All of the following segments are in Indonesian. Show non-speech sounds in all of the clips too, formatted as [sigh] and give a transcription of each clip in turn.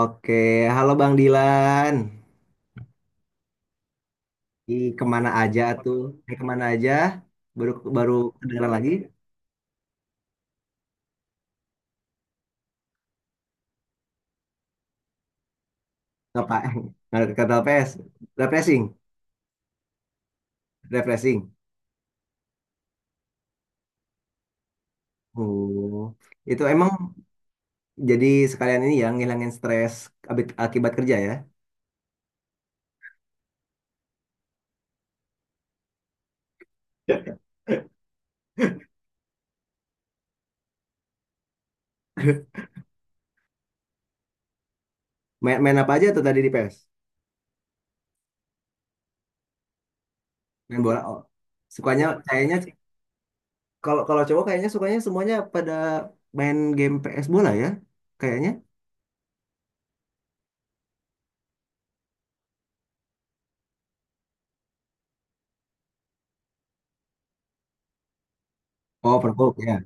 Oke, halo Bang Dilan. Ih, kemana aja tuh? Eh, kemana aja? Baru baru kedengeran lagi? Apa? [laughs] Nggak kata PS? Refreshing, refreshing. Oh, itu emang jadi sekalian ini ya ngilangin stres akibat kerja ya? [laughs] Main apa aja tuh tadi di PS? Main bola. Oh. Sukanya kayaknya sih, kalau kalau cowok kayaknya sukanya semuanya pada main game PS bola ya? Kayaknya. Oh, pergok ya.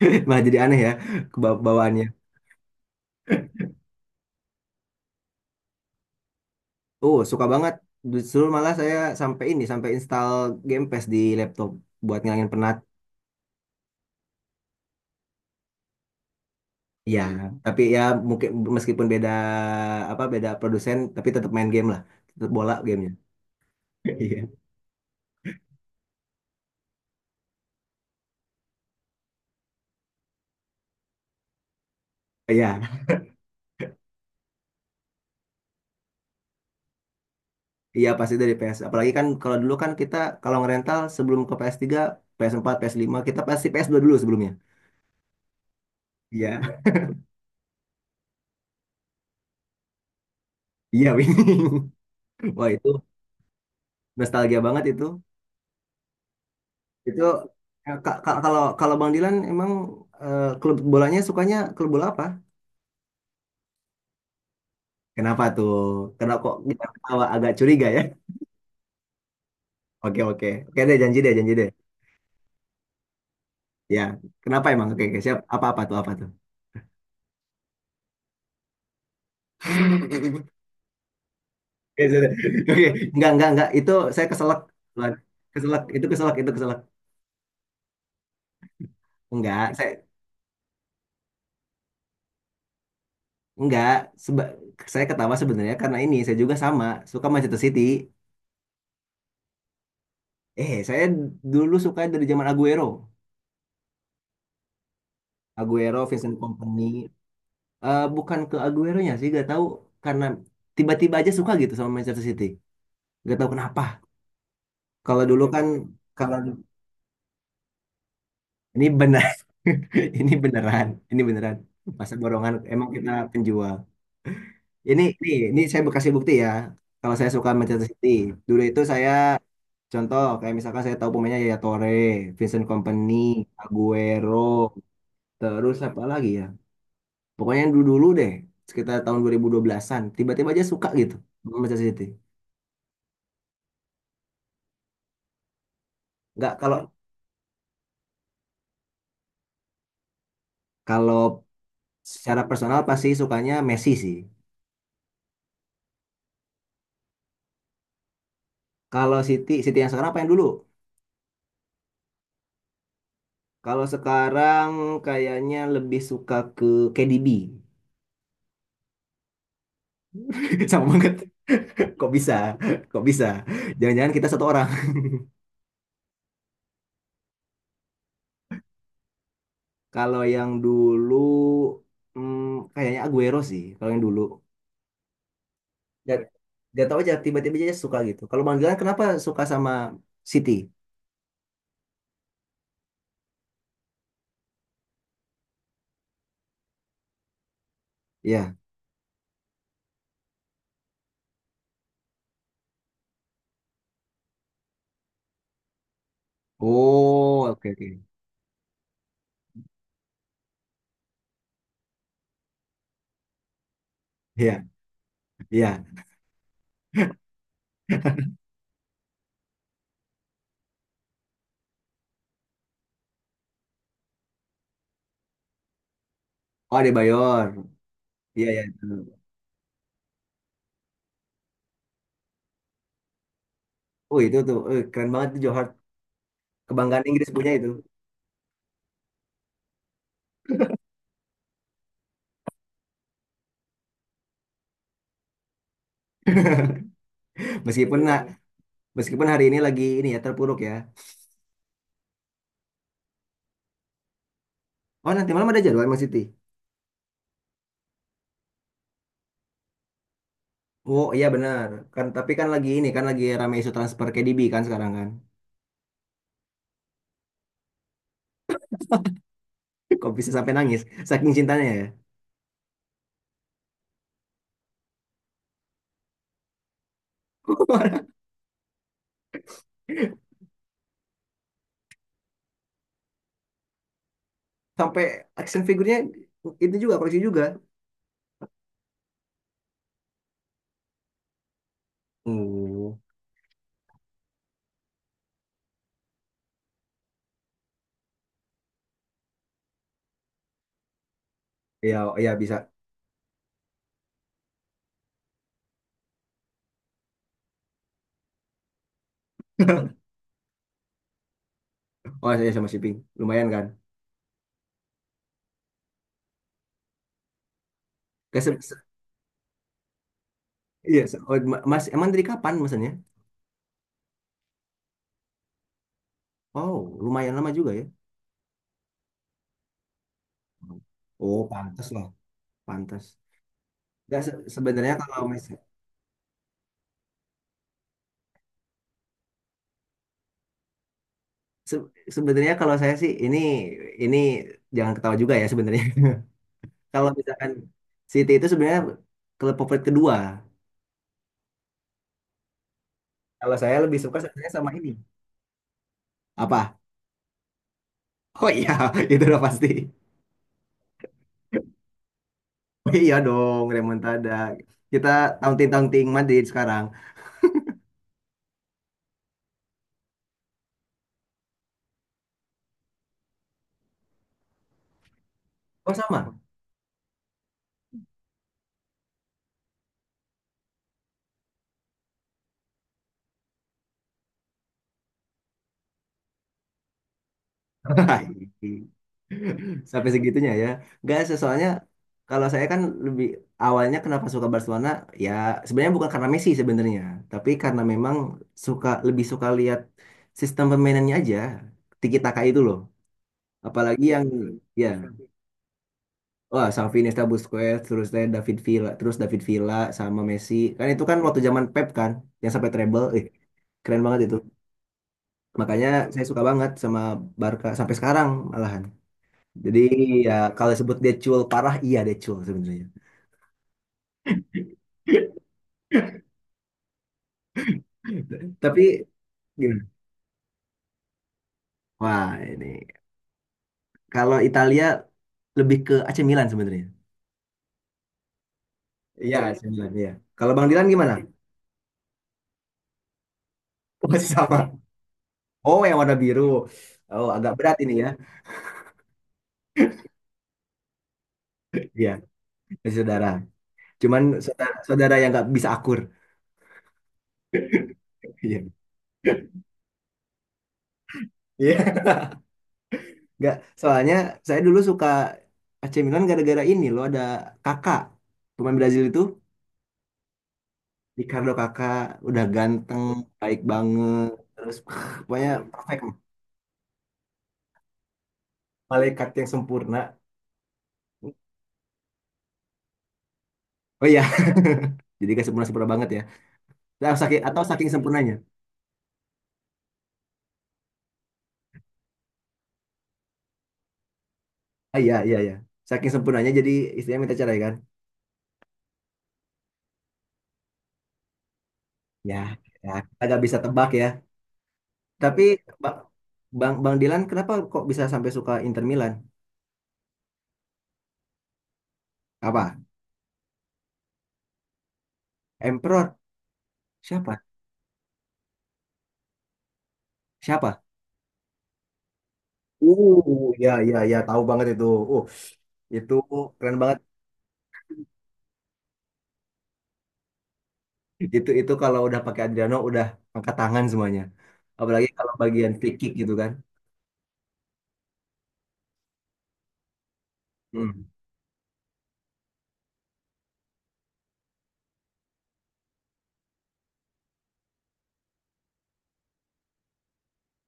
[laughs] Malah jadi aneh ya kebawaannya. Oh, suka banget. Justru malah saya sampai ini, sampai install Game Pass di laptop buat ngilangin penat. Ya, tapi ya mungkin meskipun beda apa beda produsen, tapi tetap main game lah. Tetap bola gamenya. [laughs] Iya. Iya, iya pasti dari PS. Apalagi kan kalau dulu kan kita kalau ngerental sebelum ke PS3, PS4, ps lima kita pasti ps dua dulu sebelumnya. Iya. [laughs] Iya, winning. Wah, itu nostalgia banget itu. Itu eh, kalau kalau Bang Dilan emang eh, klub bolanya sukanya klub bola apa? Kenapa tuh? Kenapa kok kita ketawa agak curiga ya? [laughs] Oke oke. Oke, deh janji deh janji deh. Ya, kenapa emang? Oke, oke, siap. Apa-apa tuh, apa tuh? [laughs] Oke, sudah. Oke, enggak. Itu saya keselak. Tuhan. Keselak, itu keselak, itu keselak. Enggak, saya enggak. Seba- saya ketawa sebenarnya karena ini saya juga sama suka Manchester City. Eh, saya dulu suka dari zaman Aguero. Aguero, Vincent Kompany. Eh, bukan ke Aguero-nya sih, gak tahu karena tiba-tiba aja suka gitu sama Manchester City. Gak tahu kenapa. Kalau dulu kan kalau ini benar. [laughs] Ini beneran, ini beneran. Masa borongan emang kita penjual. Ini saya bekasih bukti ya. Kalau saya suka Manchester City, dulu itu saya contoh kayak misalkan saya tahu pemainnya Yaya Toure, Vincent Kompany, Aguero, terus apa lagi ya? Pokoknya yang dulu-dulu deh, sekitar tahun 2012-an, tiba-tiba aja suka gitu sama Manchester City. Nggak kalau Kalau secara personal pasti sukanya Messi sih. Kalau Siti, Siti yang sekarang apa yang dulu? Kalau sekarang kayaknya lebih suka ke KDB. [laughs] Sama banget. Kok bisa? Kok bisa? Jangan-jangan kita satu orang. Kalau yang dulu hmm, kayaknya Aguero sih. Kalau yang dulu. Gak, gak tau aja tiba-tiba aja suka gitu. Kalau Bang Gilang kenapa suka sama City? Ya. Oh, oke oke. Iya, iya. Oh, Adebayor. Iya, iya. Oh itu tuh eh, keren banget tuh Johor kebanggaan Inggris punya itu. [laughs] Meskipun nah, meskipun hari ini lagi ini ya terpuruk ya. Oh nanti malam ada jadwal Mas Siti. Oh iya benar. Kan tapi kan lagi ini kan lagi rame isu transfer KDB kan sekarang kan. Kok bisa sampai nangis saking cintanya ya. [laughs] Sampai action figurnya itu juga koleksi juga. Oh iya iya bisa. [laughs] Oh saya sama shipping lumayan kan. Ke- se- se- Iya, oh, Mas emang dari kapan maksudnya? Oh lumayan lama juga ya. Oh, pantas lah. Pantas. Nggak, sebenarnya kalau se- sebenarnya kalau saya sih ini jangan ketawa juga ya sebenarnya. [laughs] Kalau misalkan City itu sebenarnya klub favorit kedua. Kalau saya lebih suka sebenarnya sama ini. Apa? Oh iya, [laughs] itu udah pasti. [laughs] Oh iya dong, remontada. Kita taunting-taunting Madrid sekarang. Oh sama. [laughs] Sampai segitunya ya. Enggak, soalnya kalau saya kan lebih awalnya kenapa suka Barcelona ya sebenarnya bukan karena Messi sebenarnya, tapi karena memang suka lebih suka lihat sistem permainannya aja. Tiki Taka itu loh. Apalagi yang ya wah Xavi Iniesta Busquets terus saya David Villa terus David Villa sama Messi kan itu kan waktu zaman Pep kan yang sampai treble eh keren banget itu makanya saya suka banget sama Barca sampai sekarang malahan. Jadi ya kalau sebut dia cool parah, iya dia cool sebenarnya. [laughs] Tapi gimana? Wah ini kalau Italia lebih ke AC Milan sebenarnya. Iya AC Milan ya. Kalau Bang Dilan gimana? Masih sama. Oh yang warna biru. Oh agak berat ini ya. Iya masih saudara. Cuman saudara, saudara yang nggak bisa akur. Iya. Iya. Nggak. Soalnya saya dulu suka AC Milan gara-gara ini loh ada kakak pemain Brazil itu. Ricardo kakak udah ganteng, baik banget, terus [laughs] pokoknya perfect, malaikat yang sempurna. Oh iya, [laughs] jadi gak sempurna-sempurna banget ya. Nah, saking, atau saking sempurnanya. Ah, iya. Saking sempurnanya jadi istrinya minta cerai kan? Ya, ya kita gak bisa tebak ya. Tapi Ba- Bang Bang Dilan kenapa kok bisa sampai suka Inter Milan? Apa? Emperor? Siapa? Siapa? Ya, tahu banget itu. Uh, itu keren banget. Itu kalau udah pakai Adriano udah angkat tangan semuanya. Apalagi kalau bagian free kick gitu kan. Hmm.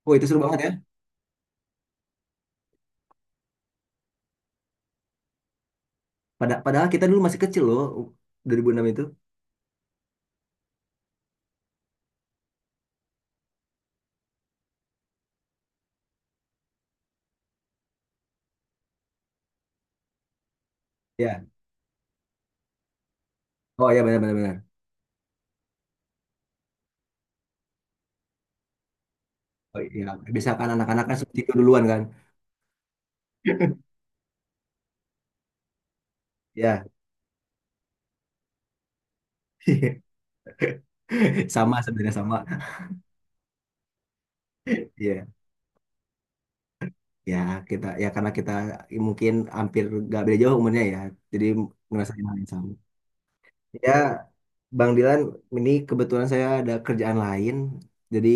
Oh, itu seru banget ya. Pada, padahal kita dulu masih kecil loh 2006 itu. Ya. Oh ya benar benar benar. Oh iya, bisa kan anak-anak kan seperti itu duluan kan. Ya. [laughs] Sama sebenarnya sama. Iya. Ya, kita ya karena kita mungkin hampir gak beda jauh umurnya ya. Jadi ngerasain hal yang sama. Ya, Bang Dilan, ini kebetulan saya ada kerjaan lain. Jadi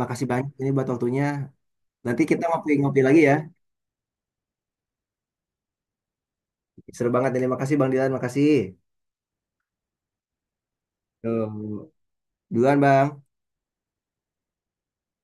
makasih banyak ini buat waktunya. Nanti kita ngopi-ngopi lagi ya. Seru banget ini. Makasih Bang Dilan, makasih. Tuh. Duluan Bang.